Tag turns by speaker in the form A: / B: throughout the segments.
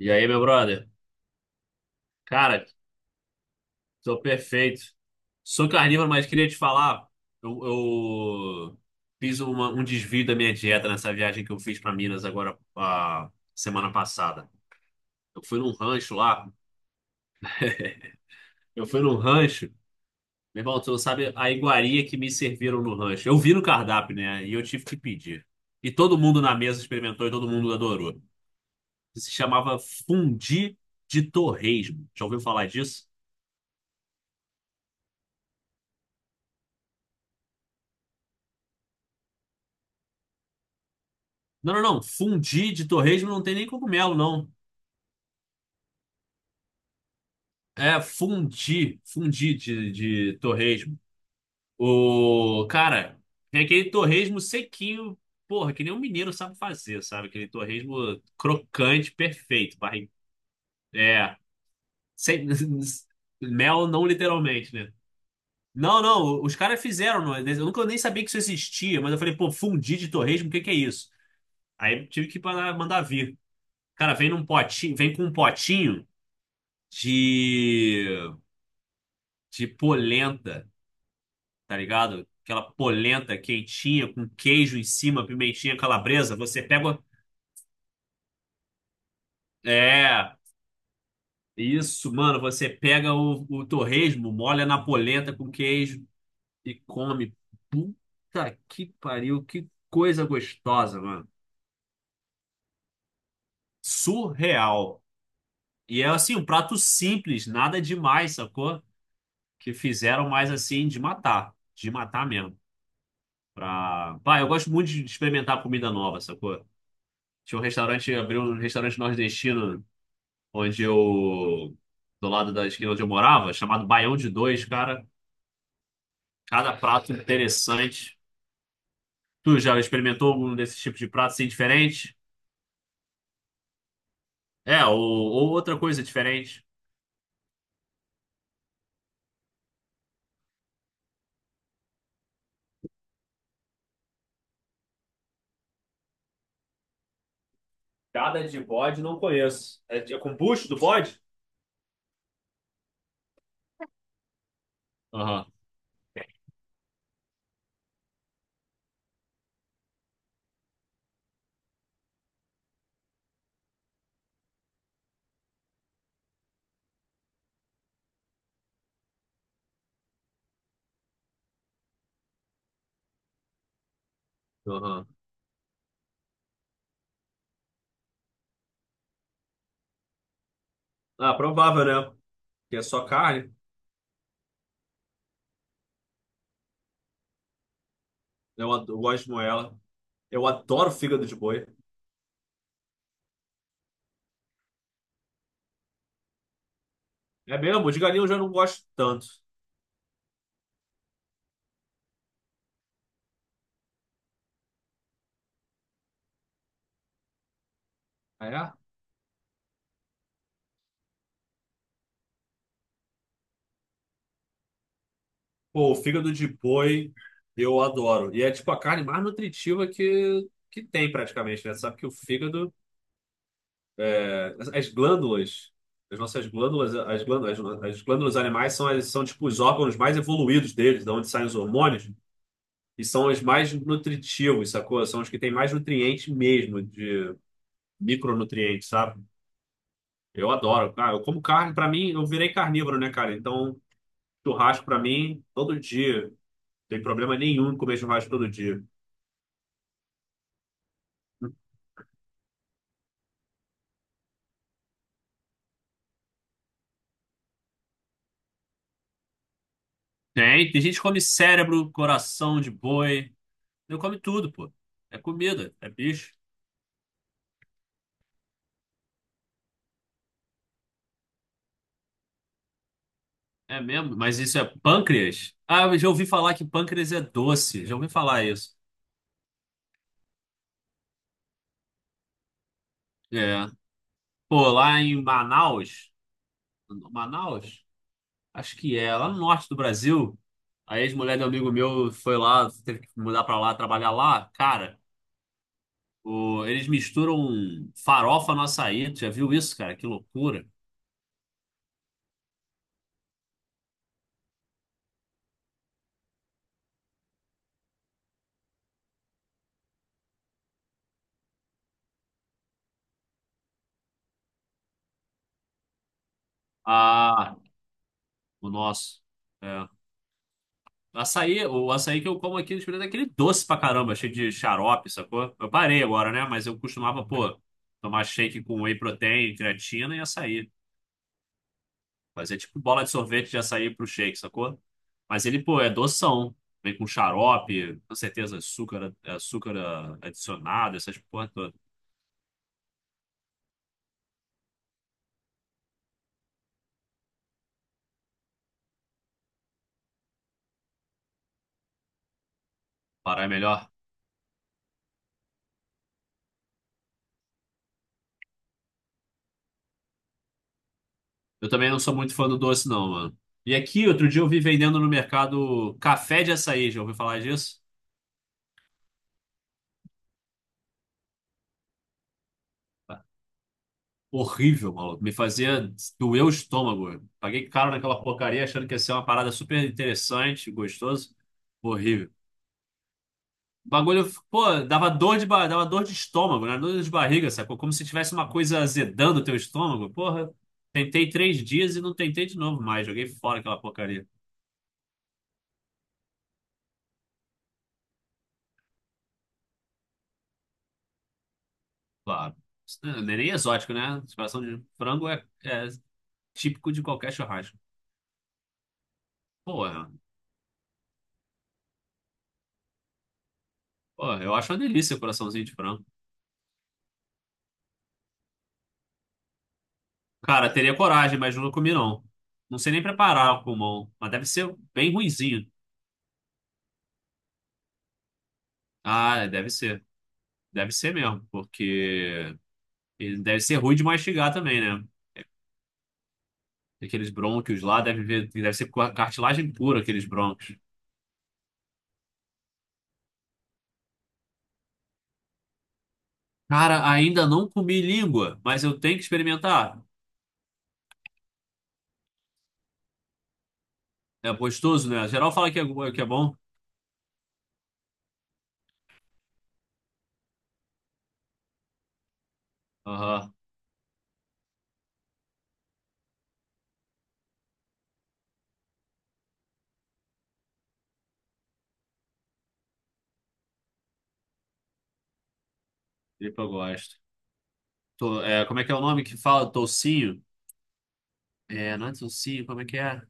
A: E aí, meu brother? Cara, tô perfeito. Sou carnívoro, mas queria te falar, eu um desvio da minha dieta nessa viagem que eu fiz pra Minas agora, a semana passada. Eu fui num rancho lá, eu fui num rancho, meu irmão, tu não sabe a iguaria que me serviram no rancho. Eu vi no cardápio, né? E eu tive que pedir. E todo mundo na mesa experimentou e todo mundo adorou. Se chamava fundi de torresmo. Já ouviu falar disso? Não. Fundi de torresmo não tem nem cogumelo, não. É fundi. Fundi de torresmo. O cara, tem aquele torresmo sequinho. Porra, que nem um mineiro sabe fazer, sabe? Aquele torresmo crocante, perfeito. Barri... É. Sem... Mel, não literalmente, né? Não, não. Os caras fizeram. Não é? Eu nem sabia que isso existia, mas eu falei, pô, fundi de torresmo, o que que é isso? Aí tive que mandar vir. Cara, vem num potinho, vem com um potinho de de polenta, tá ligado? Aquela polenta quentinha com queijo em cima, pimentinha calabresa. Você pega. É, isso, mano. Você pega o torresmo, molha na polenta com queijo e come. Puta que pariu, que coisa gostosa, mano. Surreal. E é assim, um prato simples, nada demais, sacou? Que fizeram mais assim de matar mesmo. Pra... Pá, eu gosto muito de experimentar comida nova, sacou? Abriu um restaurante nordestino, onde eu, do lado da esquina onde eu morava, chamado Baião de Dois, cara. Cada prato interessante. Tu já experimentou algum desses tipos de prato assim diferente? É, ou outra coisa diferente. Cada de bode não conheço. É, é com bucho do bode? Aham, aham. Ah, provável, né? Porque é só carne. Eu gosto de moela. Eu adoro fígado de boi. É mesmo, de galinha eu já não gosto tanto. Ah, é? Pô, o fígado de boi eu adoro. E é tipo a carne mais nutritiva que tem praticamente, né? Sabe que o fígado, é, as glândulas, as nossas glândulas, as glândulas animais são, são tipo os órgãos mais evoluídos deles, de onde saem os hormônios, e são os mais nutritivos, sacou? São os que têm mais nutrientes mesmo, de micronutrientes, sabe? Eu adoro. Ah, eu como carne, pra mim, eu virei carnívoro, né, cara? Então, churrasco pra mim, todo dia. Tem problema nenhum em comer churrasco todo dia. Tem gente que come cérebro, coração de boi. Eu come tudo, pô. É comida, é bicho. É mesmo, mas isso é pâncreas? Ah, eu já ouvi falar que pâncreas é doce. Já ouvi falar isso. É. Pô, lá em Manaus, Manaus? Acho que é, lá no norte do Brasil, a ex-mulher de um amigo meu foi lá, teve que mudar pra lá, trabalhar lá. Cara, eles misturam farofa no açaí. Tu já viu isso, cara? Que loucura. Ah, o nosso. É. Açaí, o açaí que eu como aqui no Espírito é aquele doce pra caramba, cheio de xarope, sacou? Eu parei agora, né? Mas eu costumava, pô, tomar shake com whey protein, creatina e açaí. Mas é tipo bola de sorvete de açaí pro shake, sacou? Mas ele, pô, é doção. Vem com xarope, com certeza açúcar, açúcar adicionado, essas porra toda. Pará é melhor. Eu também não sou muito fã do doce, não, mano. E aqui, outro dia eu vi vendendo no mercado café de açaí, já ouviu falar disso? Horrível, maluco. Me fazia doer o estômago. Paguei caro naquela porcaria achando que ia ser uma parada super interessante, gostoso. Horrível. O bagulho, pô, dava dor de estômago, né? Dor de barriga, sacou? Como se tivesse uma coisa azedando o teu estômago. Porra, tentei 3 dias e não tentei de novo mais. Joguei fora aquela porcaria. Claro. Isso não é nem exótico, né? Coração de frango é, é típico de qualquer churrasco. Porra, Porra, eu acho uma delícia o coraçãozinho de frango. Cara, teria coragem, mas não comi, não. Não sei nem preparar o pulmão, mas deve ser bem ruinzinho. Ah, deve ser. Deve ser mesmo, porque ele deve ser ruim de mastigar também, né? Aqueles brônquios lá, deve ver, deve ser cartilagem pura, aqueles brônquios. Cara, ainda não comi língua, mas eu tenho que experimentar. É gostoso, né? Geral fala que é, que é bom. Aham, tripa eu gosto. É, como é que é o nome que fala? Tocinho? É, não é tocinho, como é?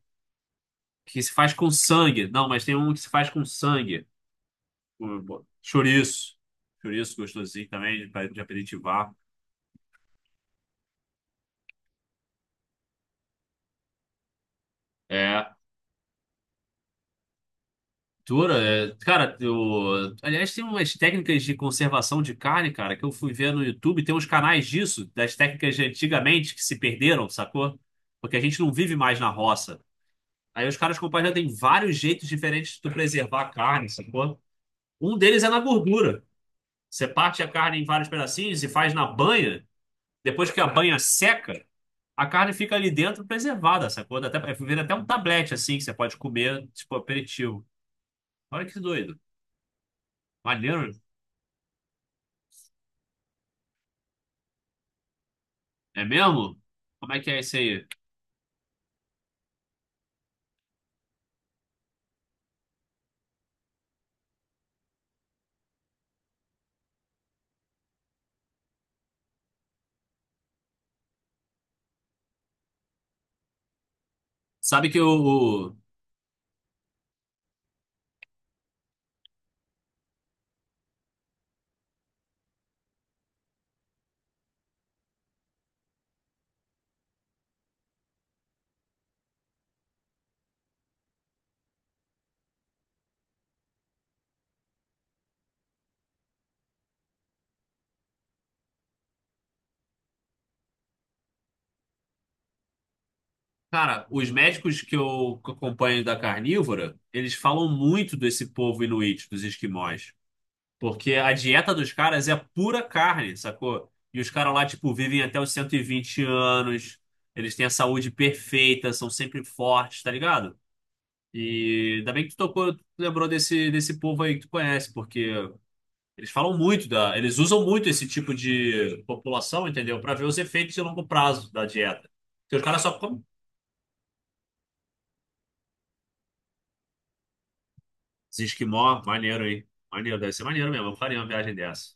A: Que se faz com sangue. Não, mas tem um que se faz com sangue. Pô. Chouriço. Chouriço gostosinho também, de aperitivar. É. Tura, é, cara, eu, aliás, tem umas técnicas de conservação de carne, cara, que eu fui ver no YouTube. Tem uns canais disso, das técnicas de antigamente que se perderam, sacou? Porque a gente não vive mais na roça. Aí os caras compartilham, tem vários jeitos diferentes de tu preservar a carne, sacou? Um deles é na gordura. Você parte a carne em vários pedacinhos e faz na banha. Depois que a banha seca, a carne fica ali dentro preservada, sacou? Dá até, é, vira até um tablete assim que você pode comer, tipo aperitivo. Olha que doido. Maneiro. É mesmo? Como é que é isso aí? Sabe que o, o- Cara, os médicos que eu acompanho da carnívora, eles falam muito desse povo inuit, dos esquimós. Porque a dieta dos caras é pura carne, sacou? E os caras lá, tipo, vivem até os 120 anos. Eles têm a saúde perfeita, são sempre fortes, tá ligado? E ainda bem que tu tocou, tu lembrou desse povo aí que tu conhece, porque eles falam muito da, eles usam muito esse tipo de população, entendeu? Pra ver os efeitos de longo prazo da dieta. Porque os caras só comem esses esquimó, maneiro aí. Maneiro, deve ser maneiro mesmo. Eu faria uma viagem dessa.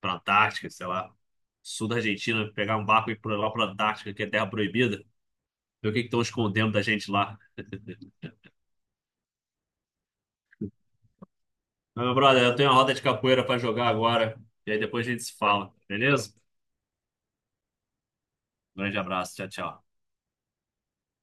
A: Pra Antártica, sei lá. Sul da Argentina, pegar um barco e ir pra lá pra Antártica, que é terra proibida. Ver o que que estão escondendo da gente lá. Mas, meu brother, eu tenho uma roda de capoeira pra jogar agora. E aí depois a gente se fala, beleza? Grande abraço, tchau, tchau.